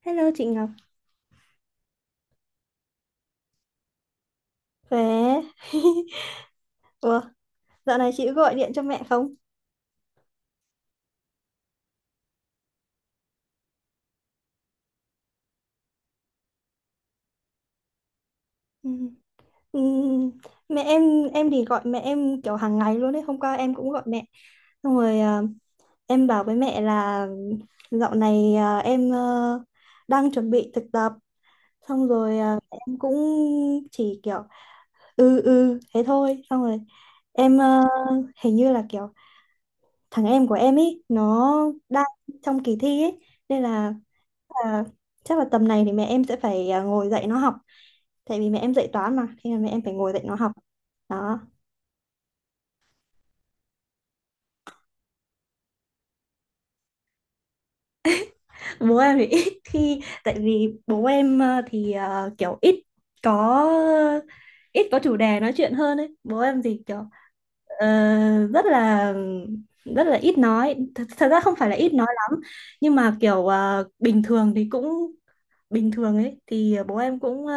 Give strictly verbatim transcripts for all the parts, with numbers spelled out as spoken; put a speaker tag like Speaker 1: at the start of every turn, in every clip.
Speaker 1: Hello chị Ngọc, khỏe. Ủa, dạo này chị có gọi điện cho mẹ không? Ừ. Ừ, Mẹ em em thì gọi mẹ em kiểu hàng ngày luôn đấy. Hôm qua em cũng gọi mẹ. Xong rồi à, em bảo với mẹ là dạo này à, em ờ, đang chuẩn bị thực tập. Xong rồi à, em cũng chỉ kiểu ừ ừ thế thôi. Xong rồi em ờ, hình như là kiểu thằng em của em ấy nó đang trong kỳ thi ấy, nên là là chắc là tầm này thì mẹ em sẽ phải à, ngồi dạy nó học, tại vì mẹ em dạy toán, mà thế là mẹ em phải ngồi dạy nó học đó. Bố em thì ít khi, tại vì bố em à, thì à, kiểu ít có ít có chủ đề nói chuyện hơn ấy. Bố em thì kiểu Ờ, rất là rất là ít nói thật, thật ra không phải là ít nói lắm, nhưng mà kiểu ờ, bình thường thì cũng bình thường ấy, thì bố em cũng ờ,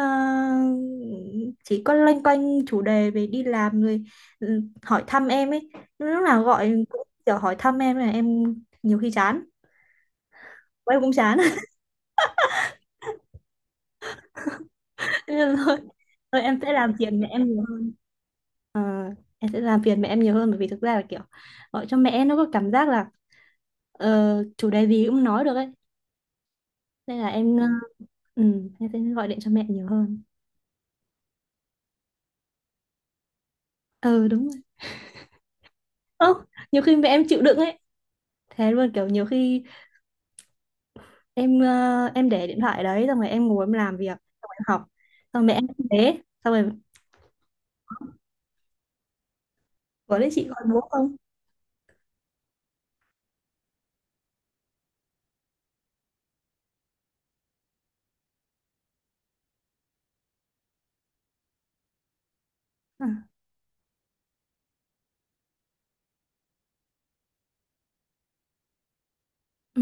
Speaker 1: chỉ có loanh quanh chủ đề về đi làm rồi, ừ, hỏi thăm em ấy, lúc nào gọi cũng kiểu hỏi thăm em là em, nhiều khi chán, bố em cũng chán. Thế nên thôi thôi em sẽ làm phiền mẹ em nhiều hơn. Ờ, em sẽ làm phiền mẹ em nhiều hơn, bởi vì thực ra là kiểu gọi cho mẹ nó có cảm giác là ờ, chủ đề gì cũng nói được ấy. Nên là em ờ, ừ, em sẽ gọi điện cho mẹ nhiều hơn. Ừ, đúng rồi. Ơ, nhiều khi mẹ em chịu đựng ấy. Thế luôn kiểu nhiều khi em ờ, em để điện thoại đấy, xong rồi em ngồi em làm việc, xong rồi em học. Xong rồi mẹ em cũng thế, xong rồi có đấy. Chị gọi bố không? À, ừ.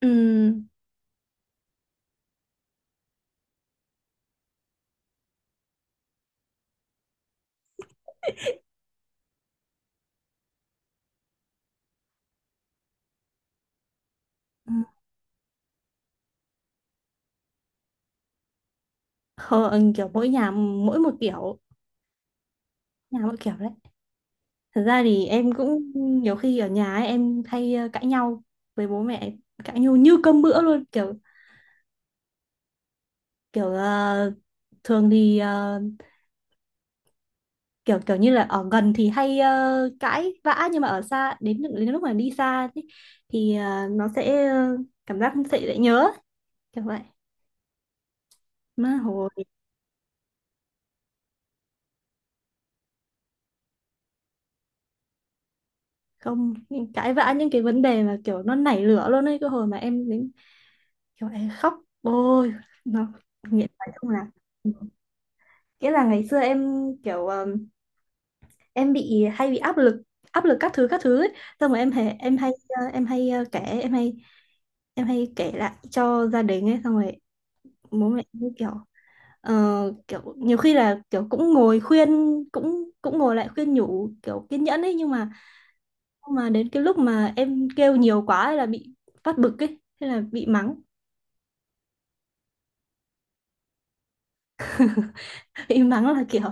Speaker 1: Ừ. Ừ. Không, kiểu mỗi nhà mỗi một kiểu, nhà mỗi kiểu đấy. Thật ra thì em cũng nhiều khi ở nhà ấy, em hay ờ, cãi nhau với bố mẹ, cãi nhau như cơm bữa luôn, kiểu kiểu ờ, thường thì ờ, kiểu kiểu như là ở gần thì hay ờ, cãi vã, nhưng mà ở xa, đến đến lúc mà đi xa thì thì ờ, nó sẽ ờ, cảm giác sẽ dễ nhớ kiểu vậy. Mà hồi không những cãi vã những cái vấn đề mà kiểu nó nảy lửa luôn ấy, cái hồi mà em đến kiểu em khóc, ôi nó nghiện phải không, là nghĩa là ngày xưa em kiểu ờm, em bị hay bị áp lực, áp lực các thứ các thứ ấy. Xong rồi em hay em hay ờ, em hay ờ, kể em hay em hay kể lại cho gia đình ấy, xong rồi bố mẹ cũng kiểu Ờ, kiểu nhiều khi là kiểu cũng ngồi khuyên, cũng cũng ngồi lại khuyên nhủ kiểu kiên nhẫn ấy, nhưng mà nhưng mà đến cái lúc mà em kêu nhiều quá ấy là bị phát bực ấy, thế là bị mắng. Bị mắng là kiểu,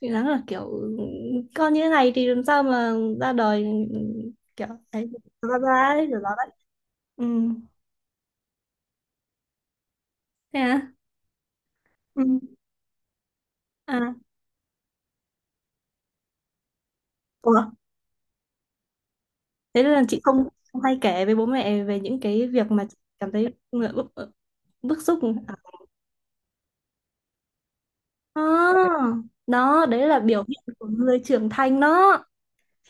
Speaker 1: bị mắng là kiểu con như thế này thì làm sao mà ra đời, kiểu đấy, ra ra ấy kiểu đó đấy. Ừ. Thế à? Ừ. À. Ủa, thế là chị không không hay kể với bố mẹ về những cái việc mà chị cảm thấy bức bức xúc à? Đó, đó đấy là biểu hiện của người trưởng thành đó,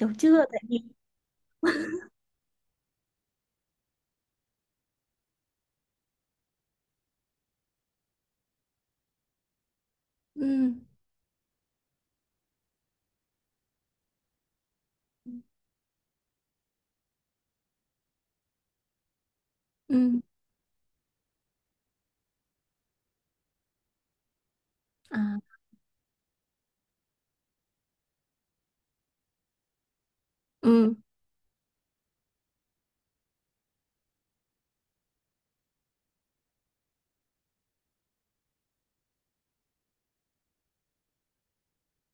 Speaker 1: hiểu chưa, tại vì ừ. Ừ. À. Ừ.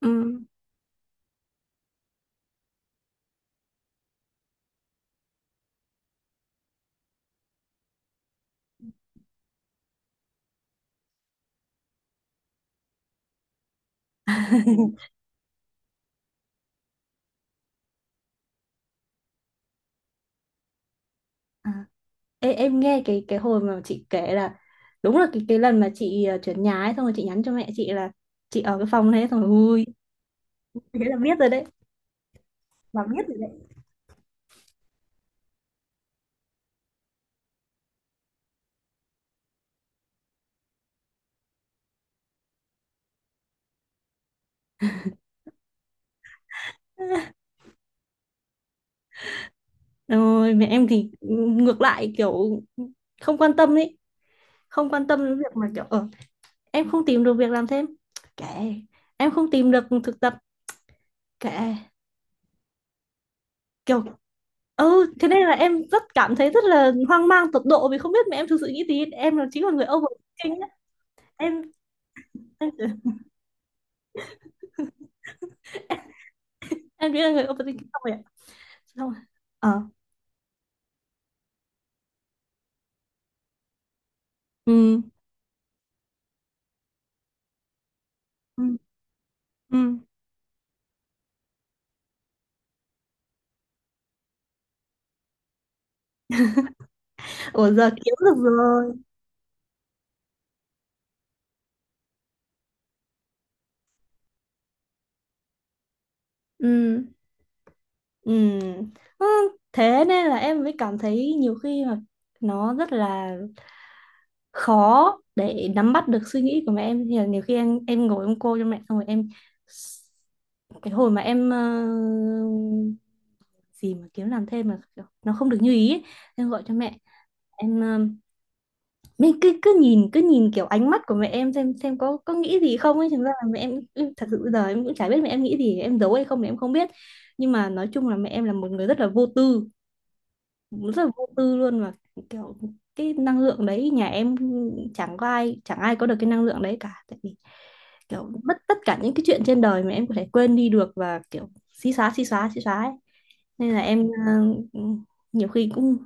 Speaker 1: Ừ. À. Ê, em nghe cái cái hồi mà chị kể là, đúng là cái cái lần mà chị ờ, chuyển nhà ấy, xong rồi chị nhắn cho mẹ chị là chị ở cái phòng đấy, xong rồi ui, thế là biết rồi đấy, là biết rồi đấy. Rồi mẹ em thì ngược lại, kiểu không quan tâm ấy, không quan tâm đến việc mà kiểu ở em không tìm được việc làm thêm, kệ, em không tìm được thực tập, kệ, kiểu. Ừ, thế nên là em rất cảm thấy rất là hoang mang tột độ, vì không biết mẹ em thực sự nghĩ gì. Em là chính là người overthinking á. Em em em nghĩ là người overthinking, xong rồi ạ, xong rồi, ờ, ừ. Ừ. Ừ. Ủa, giờ kiếm được rồi. Ừ. Ừ. Ừ, thế nên là em mới cảm thấy nhiều khi mà nó rất là khó để nắm bắt được suy nghĩ của mẹ em, thì là nhiều khi em em ngồi em cô cho mẹ, xong rồi em, cái hồi mà em ờ, gì mà kiếm làm thêm mà nó không được như ý ấy. Em gọi cho mẹ, em um, mình cứ cứ nhìn, cứ nhìn kiểu ánh mắt của mẹ em, xem xem có có nghĩ gì không ấy, thành ra là mẹ em, em thật sự bây giờ em cũng chả biết mẹ em nghĩ gì, em giấu hay không thì em không biết. Nhưng mà nói chung là mẹ em là một người rất là vô tư, rất là vô tư luôn, và kiểu cái năng lượng đấy, nhà em chẳng có ai, chẳng ai có được cái năng lượng đấy cả. Tại vì kiểu mất tất cả những cái chuyện trên đời mà em có thể quên đi được, và kiểu xí xóa xí xóa xí xóa ấy. Nên là em ờ, nhiều khi cũng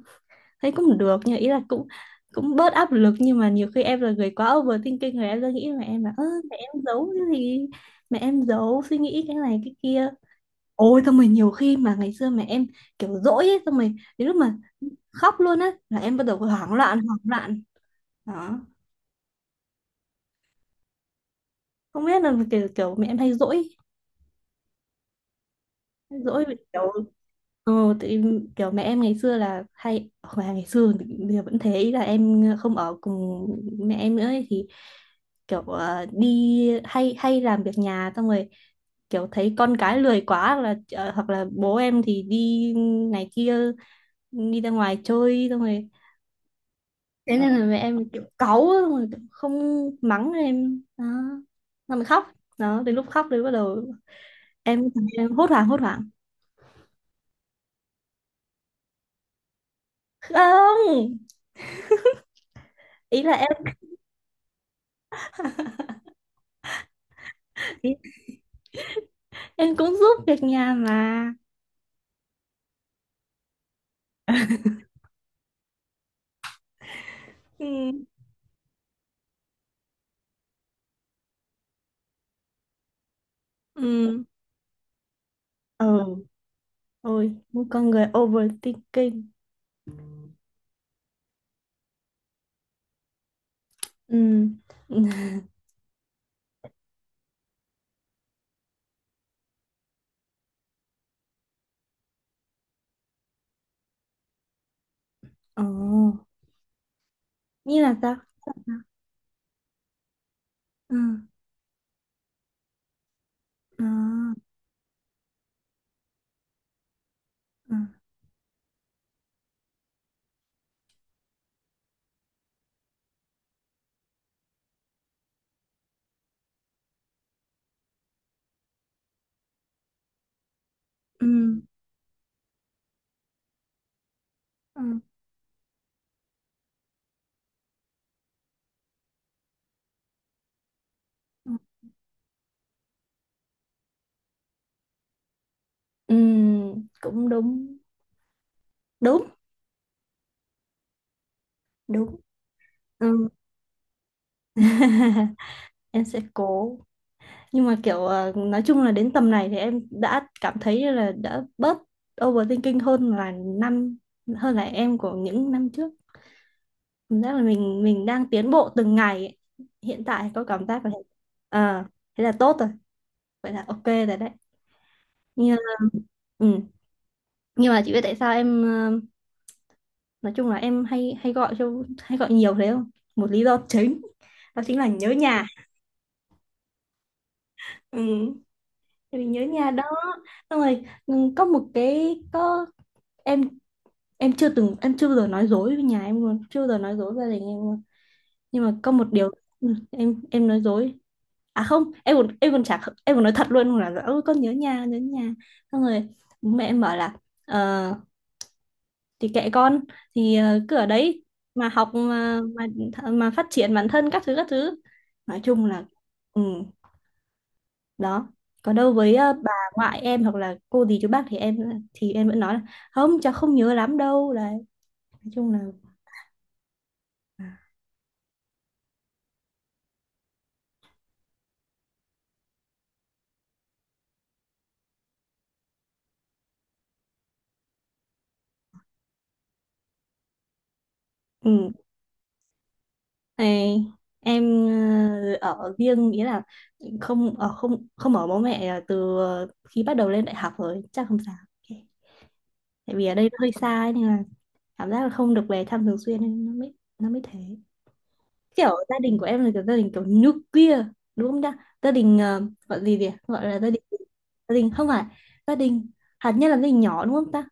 Speaker 1: thấy cũng được, nhưng ý là cũng cũng bớt áp lực, nhưng mà nhiều khi em là người quá overthinking rồi, em ra nghĩ mà em là ơ, mẹ em giấu cái gì, mẹ em giấu suy nghĩ cái này cái kia. Ôi xong rồi nhiều khi mà ngày xưa mẹ em kiểu dỗi ấy, xong rồi đến lúc mà khóc luôn á, là em bắt đầu hoảng loạn hoảng loạn đó, không biết là kiểu kiểu mẹ em hay dỗi, dỗi vì kiểu ừ, thì kiểu mẹ em ngày xưa là hay, hoặc là ngày xưa thì bây giờ vẫn thế, ý là em không ở cùng mẹ em nữa ấy, thì kiểu ờ, đi hay hay làm việc nhà xong rồi kiểu thấy con cái lười quá, hoặc là ờ, hoặc là bố em thì đi này kia, đi ra ngoài chơi xong rồi, thế nên là mẹ em kiểu cáu á, mà kiểu không mắng em đó, mà mình khóc đó, đến lúc khóc thì bắt đầu em em hốt hoảng hốt hoảng. Không, ý là em ý, em cũng giúp việc nhà mà. Ừ. Ừ. Ừ. Ôi một con người overthinking. Ừ. Ừ. Ồ, như là sao? Ừ. Ừ. Ừ. Ừ. Ừ. Ừ. Ừ, cũng đúng, đúng, đúng. Ừ. Em sẽ cố, nhưng mà kiểu ờ, nói chung là đến tầm này thì em đã cảm thấy là đã bớt overthinking hơn là năm hơn là em của những năm trước, cảm giác là mình mình đang tiến bộ từng ngày ấy. Hiện tại có cảm giác là ờ, thế là tốt rồi. Vậy là ok rồi đấy. Nhưng ừ. Nhưng mà chị biết tại sao em ờ, nói chung là em hay hay gọi cho, hay gọi nhiều thế không? Một lý do chính, đó chính là nhớ nhà. Ừ. Tại vì nhớ nhà đó, xong rồi ừ, có một cái có em em chưa từng, em chưa bao giờ nói dối với nhà em luôn, chưa bao giờ nói dối với gia đình em luôn. Nhưng mà có một điều ừ, em em nói dối, à không, em còn, em còn chả, em còn nói thật luôn là ôi con nhớ nhà, nhớ nhà, xong rồi bố mẹ em bảo là ờ, thì kệ con, thì ờ, cứ ở đấy mà học, mà mà mà phát triển bản thân các thứ các thứ, nói chung là ừ, đó, còn đâu với ờ, bà ngoại em hoặc là cô dì chú bác thì em thì em vẫn nói là không, cháu không nhớ lắm đâu đấy, nói chung là. À, ừ. Này, em ờ, ở riêng nghĩa là không ở, không không ở bố mẹ ờ, từ ờ, khi bắt đầu lên đại học rồi chắc không sao. Ok. Tại vì ở đây nó hơi xa ấy, nên là cảm giác là không được về thăm thường xuyên, nên nó mới nó mới thế. Kiểu gia đình của em là kiểu gia đình kiểu nuclear, đúng không ta? Gia đình ờ, gọi gì vậy, gọi là gia đình, gia đình không phải, gia đình hạt nhân là gia đình nhỏ đúng không ta?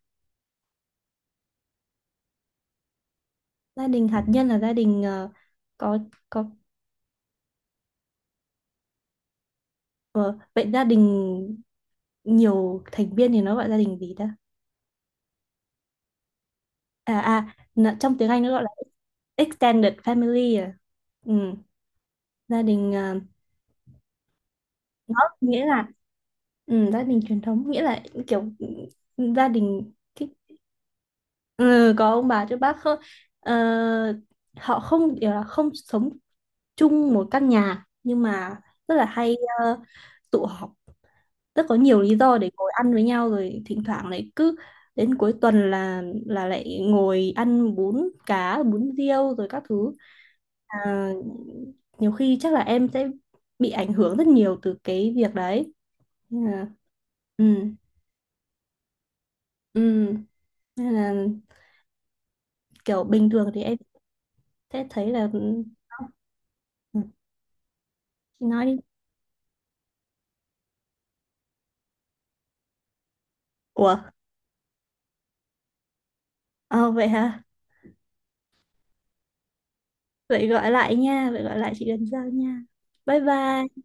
Speaker 1: Gia đình hạt nhân là gia đình ờ, có có ờ, vậy gia đình nhiều thành viên thì nó gọi gia đình gì ta? À à, nợ- trong tiếng Anh nó gọi là extended family à, ừ, gia đình à, nghĩa là ừ, gia đình truyền thống, nghĩa là kiểu ừ, gia đình cái ừ, có ông bà chứ bác không, ờ, họ không kiểu là không sống chung một căn nhà, nhưng mà rất là hay ờ, tụ họp, rất có nhiều lý do để ngồi ăn với nhau, rồi thỉnh thoảng lại cứ đến cuối tuần là là lại ngồi ăn bún cá bún riêu rồi các thứ. À, nhiều khi chắc là em sẽ bị ảnh hưởng rất nhiều từ cái việc đấy. Nên là, ừ, ừ, nên là kiểu bình thường thì em sẽ thấy là Ừ, chị nói đi. Ủa, ờ vậy hả, vậy gọi lại nha, vậy gọi lại chị lần sau nha, bye bye.